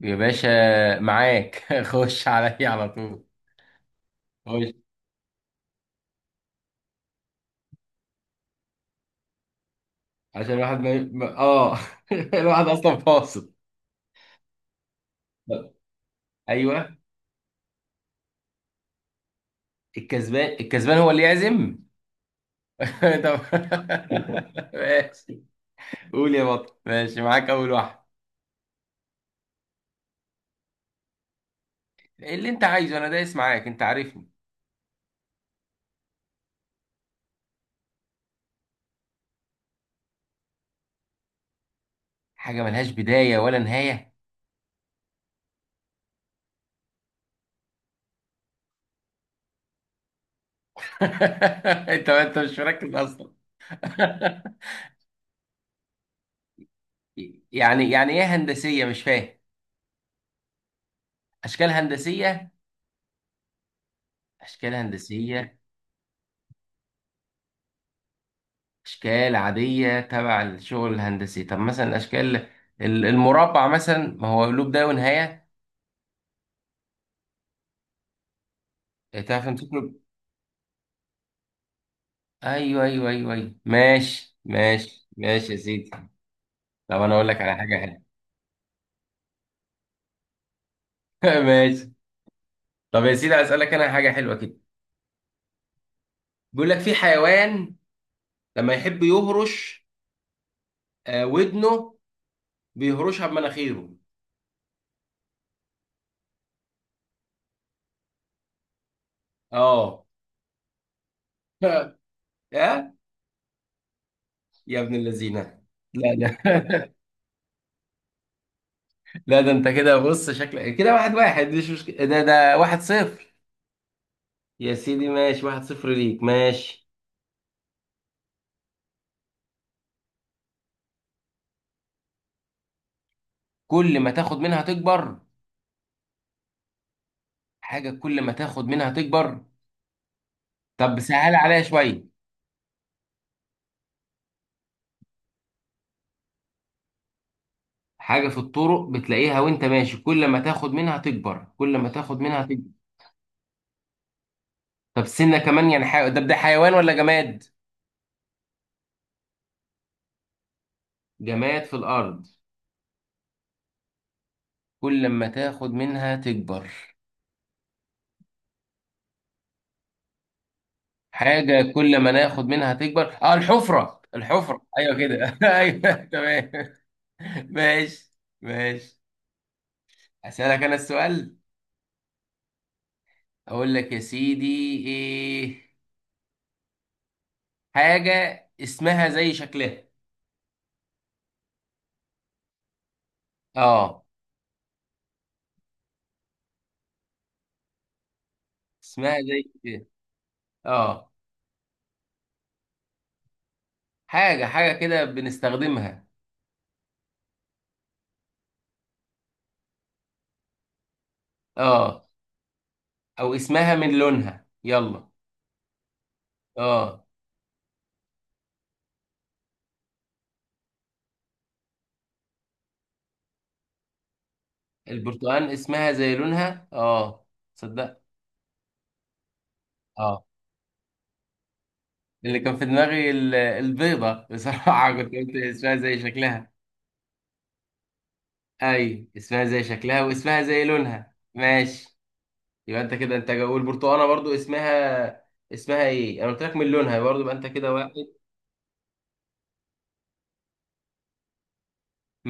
يا باشا معاك خش عليا على طول خش عشان الواحد اه الواحد اصلا فاصل. ايوه، الكسبان هو اللي يعزم. طب. ماشي. قول يا بطل، ماشي معاك اول واحد. اللي انت عايزه انا دايس معاك، انت عارفني. حاجه ملهاش بدايه ولا نهايه. انت مش مركز اصلا. يعني ايه هندسيه؟ مش فاهم. اشكال هندسيه. اشكال هندسيه. اشكال عاديه تبع الشغل الهندسي. طب مثلا الاشكال، المربع مثلا، ما هو له بدايه ونهايه. تعرف تمسك له. ايوه ايوه ايوه ايوه، ماشي ماشي ماشي يا سيدي. طب انا اقول لك على حاجه حلوه. ماشي. طب يا سيدي، اسالك انا حاجه حلوه كده. بيقول لك في حيوان لما يحب يهرش ودنه، بيهرشها بمناخيره. اه. ها، يا ابن اللذينه. لا، لا. لا ده انت كده بص، شكلك كده واحد واحد مش مشكله. ده واحد صفر. يا سيدي ماشي، واحد صفر ليك، ماشي. كل ما تاخد منها تكبر. حاجة كل ما تاخد منها تكبر. طب سهل عليها شوية. حاجة في الطرق بتلاقيها وانت ماشي، كل ما تاخد منها تكبر، كل ما تاخد منها تكبر. طب سنة كمان، يعني ده ده حيوان ولا جماد؟ جماد في الأرض. كل ما تاخد منها تكبر. حاجة كل ما ناخد منها تكبر، اه الحفرة، الحفرة، ايوه كده ايوه. تمام. ماشي. ماشي. هسألك انا السؤال، اقول لك يا سيدي ايه. حاجة اسمها زي شكلها. اه. اسمها زي كده. اه. حاجة، حاجة كده بنستخدمها. اه. او اسمها من لونها، يلا. اه. البرتقال، اسمها زي لونها، اه. صدق. اه. اللي كان في دماغي البيضة بصراحة. كنت قلت اسمها زي شكلها. اي، اسمها زي شكلها واسمها زي لونها، ماشي. يبقى انت كده، انت والبرتقاله برضو اسمها، اسمها ايه؟ انا قلت لك من لونها برضو. يبقى انت كده واحد.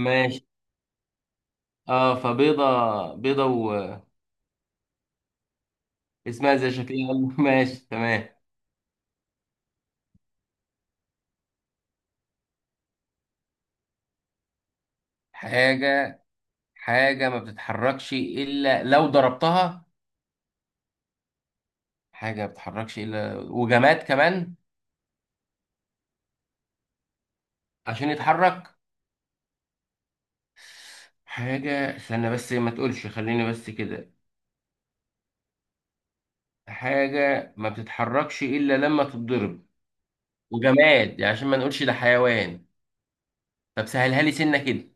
ماشي. اه فبيضه. بيضه. واسمها زي شكلها. ماشي تمام. حاجه، حاجه ما بتتحركش الا لو ضربتها. حاجه ما بتتحركش الا، وجماد كمان. عشان يتحرك. حاجه، استنى بس، ما تقولش، خليني بس كده. حاجه ما بتتحركش الا لما تتضرب، وجماد يعني عشان ما نقولش ده حيوان. طب سهلها لي سنه كده.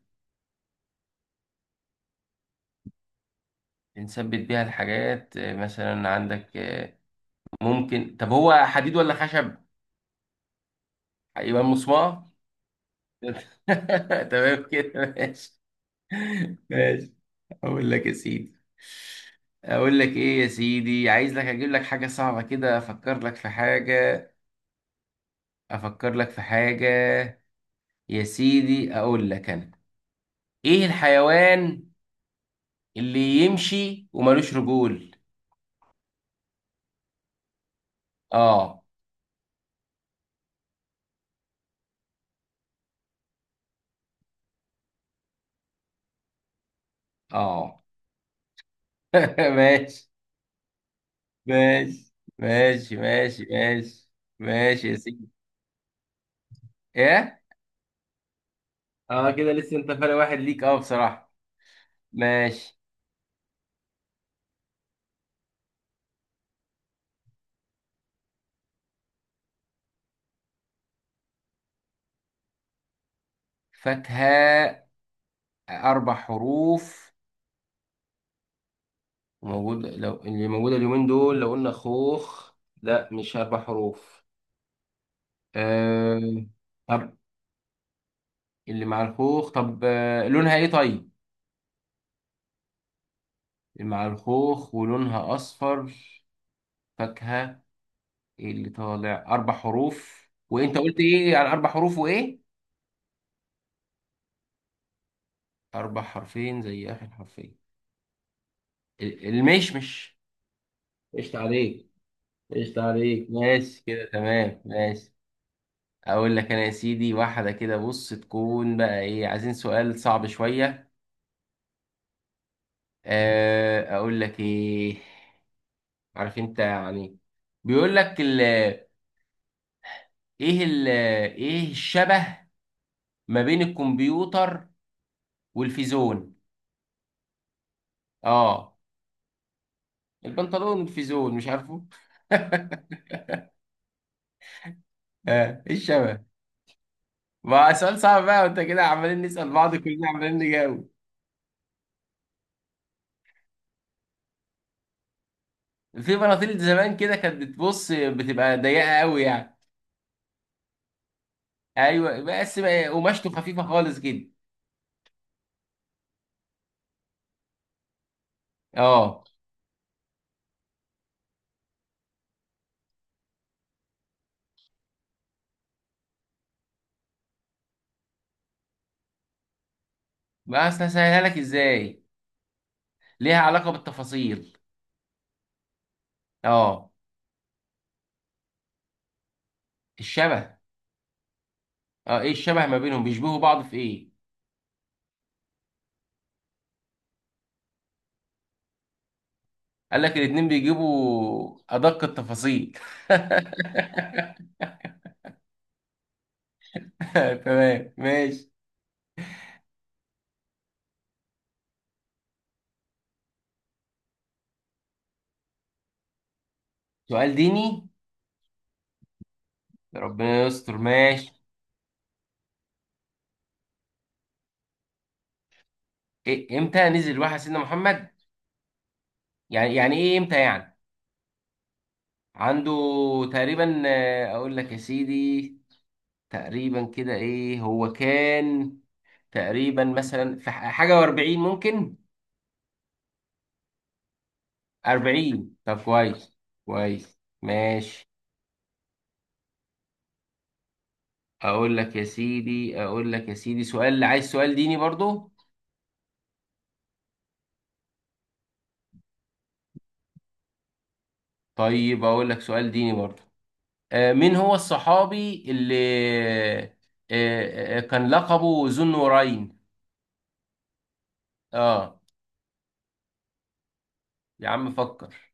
بنثبت بيها الحاجات مثلا عندك، ممكن، طب هو حديد ولا خشب؟ يبقى مسمار. تمام كده، ماشي. ماشي. اقول لك يا سيدي، اقول لك ايه يا سيدي، عايز لك اجيب لك حاجة صعبة كده، افكر لك في حاجة، افكر لك في حاجة يا سيدي اقول لك انا، ايه الحيوان اللي يمشي وملوش رجول؟ اه. اه. ماشي ماشي ماشي ماشي ماشي. ماشي يا سيدي. ايه؟ اه كده لسه انت فارق واحد ليك، اه بصراحة. ماشي. فاكهة، اربع حروف موجودة. لو اللي موجودة اليومين دول، لو قلنا خوخ، لا مش اربع حروف. آه... طب. اللي مع الخوخ، طب، لونها ايه طيب؟ اللي مع الخوخ ولونها اصفر. فاكهة. إيه اللي طالع اربع حروف؟ وانت قلت ايه على اربع حروف وايه؟ أربع حرفين زي آخر حرفين، المشمش. قشطة عليك. قشطة عليك، ماشي كده تمام، ماشي. أقول لك أنا يا سيدي، واحدة كده بص، تكون بقى إيه، عايزين سؤال صعب شوية، أقول لك إيه، عارف أنت يعني. بيقول لك ال، إيه ال، إيه الشبه ما بين الكمبيوتر والفيزون؟ أه. البنطلون والفيزون مش عارفه. إيه الشبه؟ ما سؤال صعب بقى؟ وانت كده عمالين نسأل بعض، كلنا عمالين نجاوب. في بناطيل زمان كده كانت بتبص، بتبقى ضيقة قوي يعني. ايوه، بس بقى قماشته خفيفة خالص كده. اه. بس هسهلها لك ازاي، ليها علاقة بالتفاصيل. اه. الشبه. اه، ايه الشبه ما بينهم؟ بيشبهوا بعض في ايه؟ قال لك الاتنين بيجيبوا ادق التفاصيل. تمام ماشي. سؤال ديني؟ ربنا يستر، ماشي. إيه، امتى نزل الوحي على سيدنا محمد؟ يعني ايه امتى يعني؟ عنده تقريبا، اقول لك يا سيدي، تقريبا كده ايه هو كان، تقريبا مثلا، في حاجة و40 ممكن. 40، طب كويس. كويس ماشي. اقول لك يا سيدي، سؤال عايز سؤال ديني برضو. طيب اقول لك سؤال ديني برضو. مين هو الصحابي اللي، آه، كان لقبه ذو النورين؟ اه. يا عم فكر.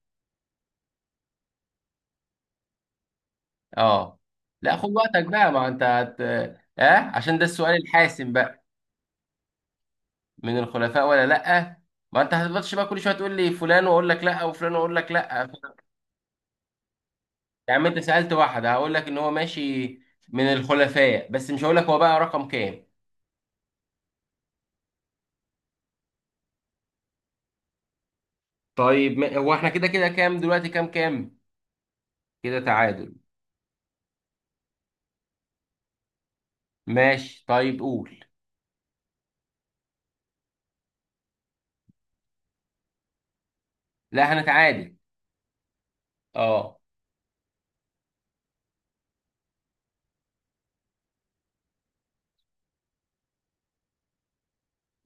اه. لا، خد وقتك بقى، ما انت اه، عشان ده السؤال الحاسم بقى. من الخلفاء ولا لا؟ ما انت هتفضلش بقى كل شويه تقول لي فلان واقول لك لا، وفلان واقول لك لا. يا عم انت سالت واحد هقول لك ان هو ماشي من الخلفاء، بس مش هقول لك هو بقى رقم كام. طيب ما... هو احنا كده كده كام دلوقتي؟ كام؟ كده تعادل. ماشي، طيب قول. لا، هنتعادل. اه.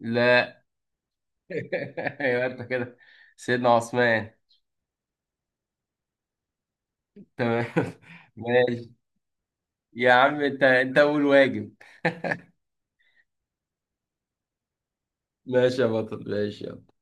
لا. يبقى انت كده، سيدنا عثمان. تمام. ماشي. يا عم انت اول واجب. ماشي يا بطل، ماشي، يلا.